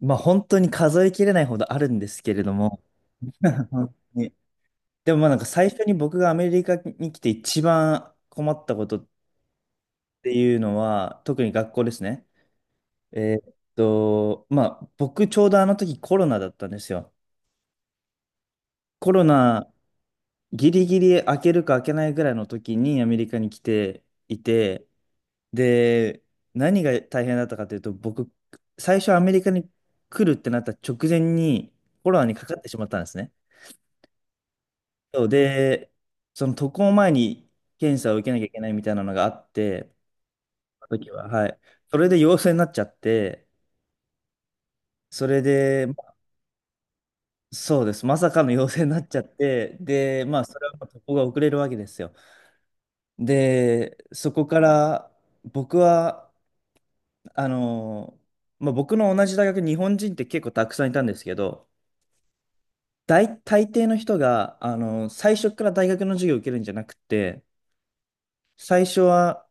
まあ本当に数えきれないほどあるんですけれども、本当にでも最初に僕がアメリカに来て一番困ったことっていうのは、特に学校ですね。まあ僕ちょうどあの時コロナだったんですよ。コロナギリギリ開けるか開けないぐらいの時にアメリカに来ていて、で、何が大変だったかというと、僕、最初アメリカに来るってなった直前にコロナにかかってしまったんですね。そうで、その渡航前に検査を受けなきゃいけないみたいなのがあって、その時は、はい。それで陽性になっちゃって、それで、まそうです。まさかの陽性になっちゃって、で、まあ、それはもう渡航が遅れるわけですよ。で、そこから、僕は、あの、まあ、僕の同じ大学、日本人って結構たくさんいたんですけど、大抵の人が、最初から大学の授業を受けるんじゃなくて、最初は、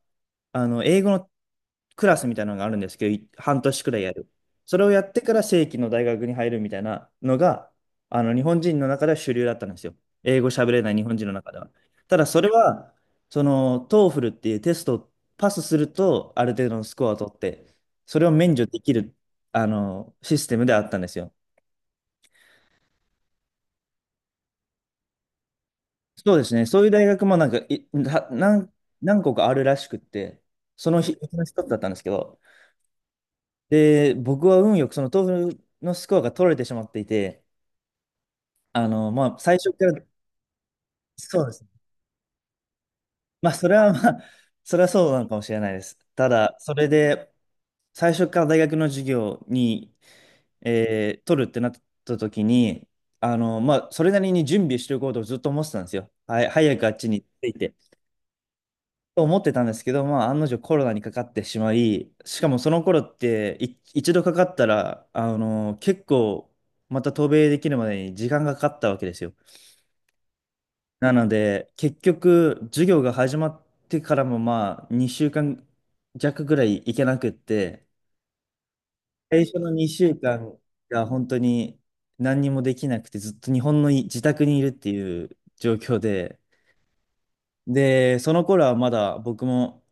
英語のクラスみたいなのがあるんですけど、半年くらいやる。それをやってから正規の大学に入るみたいなのが、日本人の中では主流だったんですよ。英語喋れない日本人の中では。ただ、それは、その、トーフルっていうテストをパスすると、ある程度のスコアを取って、それを免除できる、システムであったんですよ。そうですね。そういう大学もなんか、い、は何、何個かあるらしくって、その日、うちの一つだったんですけど、で、僕は運よくその豆腐のスコアが取れてしまっていて、まあ、最初から、そうです。まあ、それはまあ、それはそうなのかもしれないです。ただ、それで、最初から大学の授業に、取るってなった時に、まあ、それなりに準備しておこうとずっと思ってたんですよ。はい、早くあっちに着いて。と思ってたんですけど、まあ、案の定コロナにかかってしまい、しかもその頃って一度かかったら、結構また渡米できるまでに時間がかかったわけですよ。なので、結局、授業が始まってからもまあ、2週間弱ぐらい行けなくって、最初の2週間が本当に何にもできなくて、ずっと日本の自宅にいるっていう状況で、で、その頃はまだ僕も、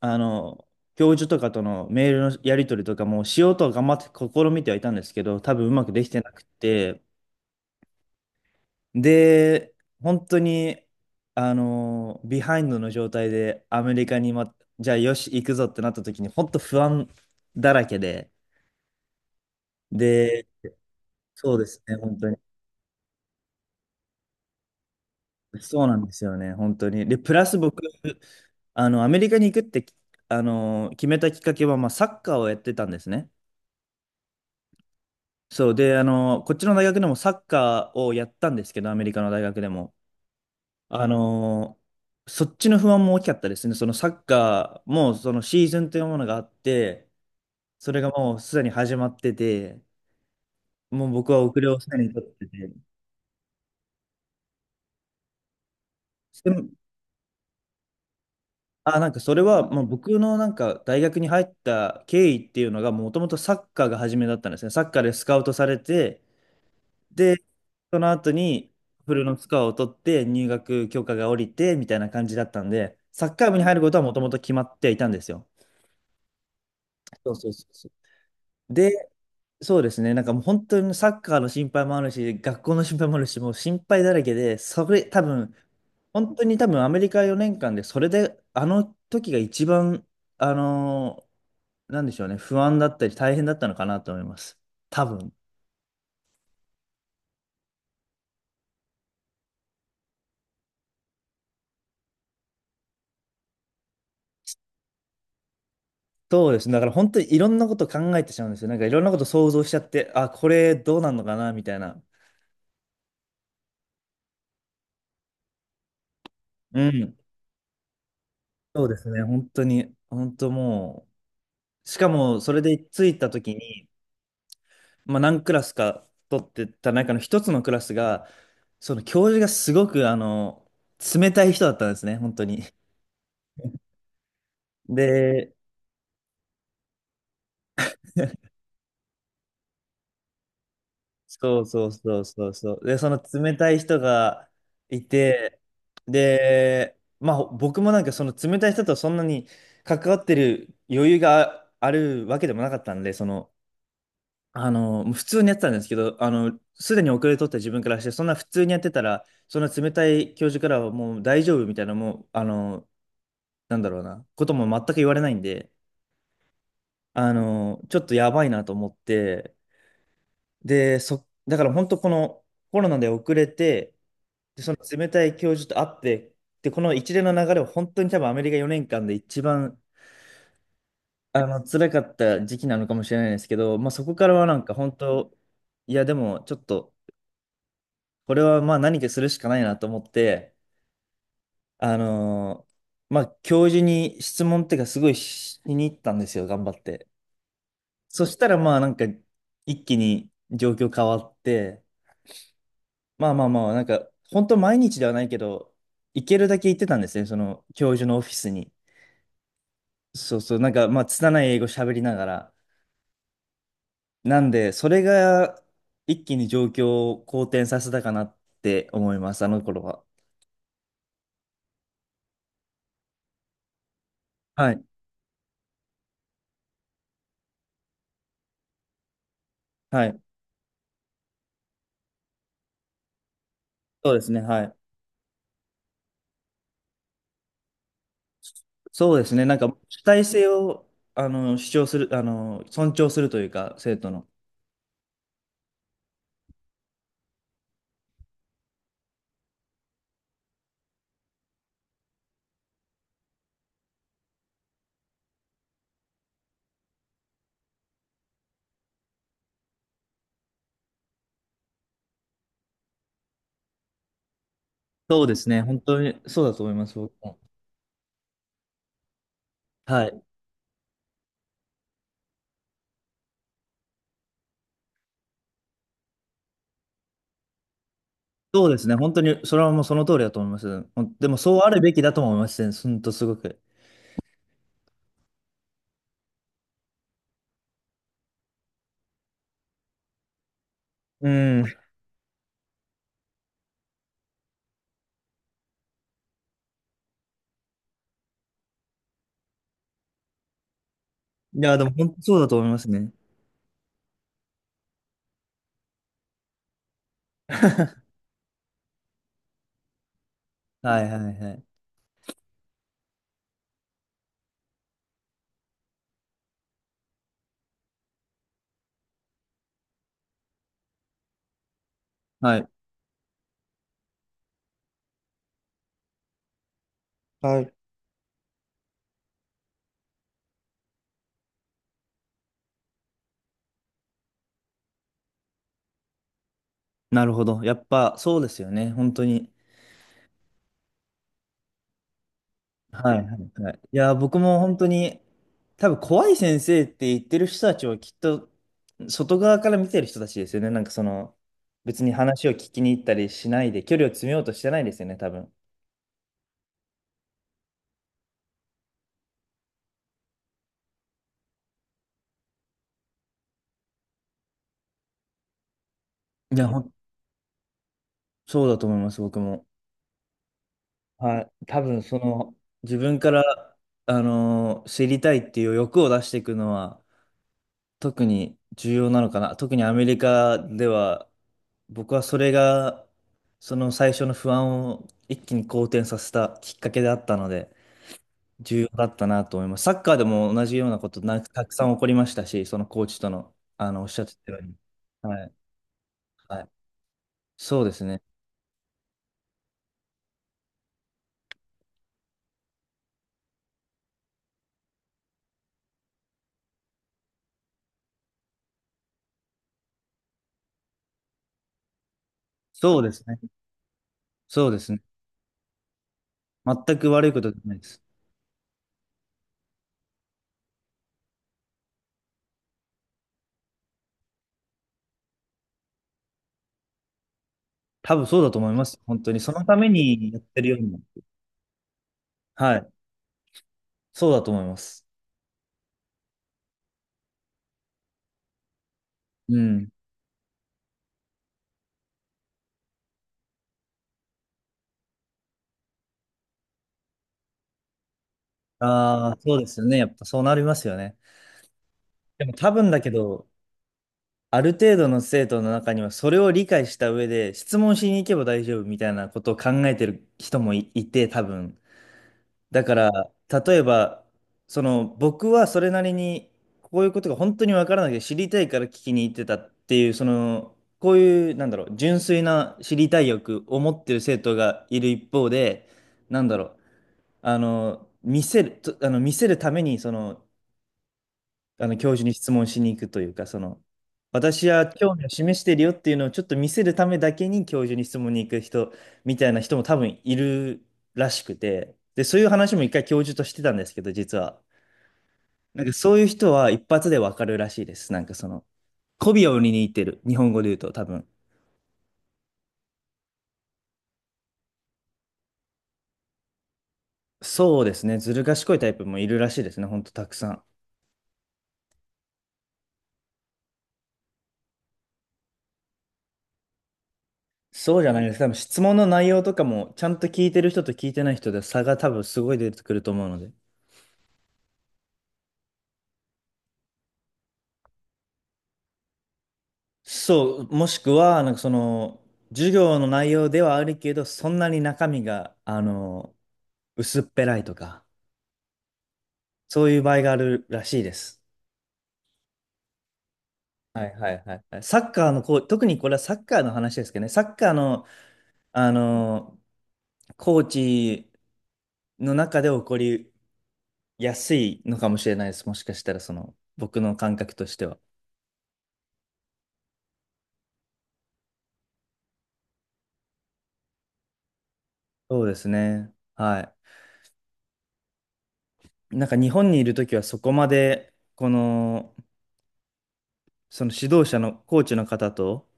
あの、教授とかとのメールのやり取りとかもしようとは頑張って試みてはいたんですけど、多分うまくできてなくて、で、本当に、ビハインドの状態でアメリカに、ま、じゃあよし、行くぞってなった時に、本当不安だらけで、で、そうですね、本当に。そうなんですよね、本当に。で、プラス僕、アメリカに行くって、決めたきっかけは、まあ、サッカーをやってたんですね。そうで、こっちの大学でもサッカーをやったんですけど、アメリカの大学でも。あの、そっちの不安も大きかったですね。そのサッカーも、そのシーズンというものがあって、それがもうすでに始まってて、もう僕は遅れをすでに取ってて。でもあ、なんかそれは、もう僕のなんか大学に入った経緯っていうのが、もともとサッカーが初めだったんですね。サッカーでスカウトされて、で、その後に、フルのスコアを取って入学許可が下りてみたいな感じだったんで、サッカー部に入ることはもともと決まっていたんですよ。そうそうそうそで、そうですね、なんかもう本当にサッカーの心配もあるし、学校の心配もあるし、もう心配だらけで、それ多分、本当に多分アメリカ4年間で、それであの時が一番、あのーなんでしょうね、不安だったり大変だったのかなと思います。多分。そうですね。だから本当にいろんなこと考えてしまうんですよ。なんかいろんなこと想像しちゃって、あ、これどうなんのかなみたいな。うん。そうですね。本当に、本当もう、しかもそれで着いた時に、まあ何クラスか取ってた中の一つのクラスが、その教授がすごく冷たい人だったんですね。本当に。で、そう。で、その冷たい人がいて、で、まあ僕もなんかその冷たい人とそんなに関わってる余裕があるわけでもなかったんで、その、普通にやってたんですけど、すでに遅れとった自分からして、そんな普通にやってたら、そんな冷たい教授からはもう大丈夫みたいな、もう、なんだろうな、ことも全く言われないんで、ちょっとやばいなと思って、で、だから本当このコロナで遅れて、で、その冷たい教授と会って、で、この一連の流れを本当に多分アメリカ4年間で一番、辛かった時期なのかもしれないですけど、まあそこからはなんか本当、いやでもちょっと、これはまあ何かするしかないなと思って、あのーまあ教授に質問っていうかすごいしに行ったんですよ、頑張って。そしたらまあなんか一気に状況変わって、まあまあまあなんか本当毎日ではないけど、行けるだけ行ってたんですね、その教授のオフィスに。そうそう、なんか、まあ、拙い英語喋りながら。なんで、それが一気に状況を好転させたかなって思います、あの頃は。はい。はい。そうですね、はい。そうですね、なんか、主体性を、主張する、尊重するというか、生徒の。そうですね、本当にそうだと思います、僕も。はい。そうですね、本当に、それはもうその通りだと思います。ほんでも、そうあるべきだとも思いますね、ほんとすごく。うん。いや、でも、本当そうだと思いますね。はい、はい、はい。はい。はい、なるほど。やっぱそうですよね。本当に。はいはいはい。いや、僕も本当に、多分怖い先生って言ってる人たちはきっと、外側から見てる人たちですよね。なんかその、別に話を聞きに行ったりしないで、距離を詰めようとしてないですよね、多分。いや、ほん、そうだと思います、僕も。はい。多分その、自分から、知りたいっていう欲を出していくのは、特に重要なのかな。特にアメリカでは、僕はそれが、その最初の不安を一気に好転させたきっかけであったので、重要だったなと思います。サッカーでも同じようなことなたくさん起こりましたし、そのコーチとの、おっしゃってたように。はい。はい。そうですね。そうですね。そうですね。全く悪いことじゃないです。多分そうだと思います。本当に。そのためにやってるような。はい。そうだと思います。うん。ああ、そうですよね。やっぱそうなりますよね。でも多分だけど、ある程度の生徒の中にはそれを理解した上で質問しに行けば大丈夫みたいなことを考えてる人もいて多分。だから、例えば、その僕はそれなりにこういうことが本当にわからなくて知りたいから聞きに行ってたっていう、その、こういう、なんだろう、純粋な知りたい欲を持ってる生徒がいる一方で、なんだろう、あの、見せるために、その、あの教授に質問しに行くというか、その、私は興味を示してるよっていうのをちょっと見せるためだけに教授に質問に行く人みたいな人も多分いるらしくて、で、そういう話も一回教授としてたんですけど、実は。なんかそういう人は一発でわかるらしいです。なんかその、媚びを売りに行ってる。日本語で言うと多分。そうですね。ずる賢いタイプもいるらしいですね。ほんとたくさん。そうじゃないです。多分質問の内容とかもちゃんと聞いてる人と聞いてない人で差が多分すごい出てくると思うので。そう、もしくは、なんかその、授業の内容ではあるけど、そんなに中身が、あの、薄っぺらいとか、そういう場合があるらしいです。はいはいはいはい。サッカーのコー、特にこれはサッカーの話ですけどね、サッカーの、あの、コーチの中で起こりやすいのかもしれないです。もしかしたら、その、僕の感覚としては。そうですね。はい。なんか日本にいるときはそこまで、この、その指導者のコーチの方と、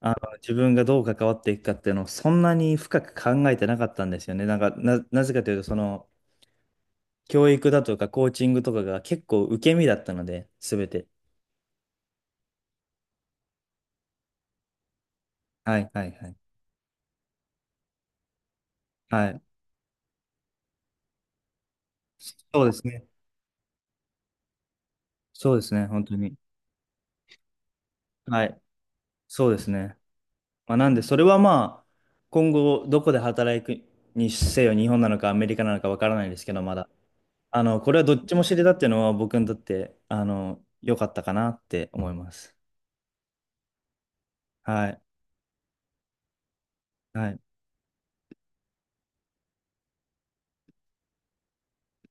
あの自分がどう関わっていくかっていうのをそんなに深く考えてなかったんですよね。なぜかというと、その教育だとかコーチングとかが結構受け身だったので、すべて。はいはいはい。はい。そうですね。そうですね、本当に。はい。そうですね。まあ、なんで、それはまあ、今後どこで働くにせよ、日本なのかアメリカなのかわからないですけど、まだ。あの、これはどっちも知れたっていうのは僕にとって、あの、良かったかなって思います。はい。はい。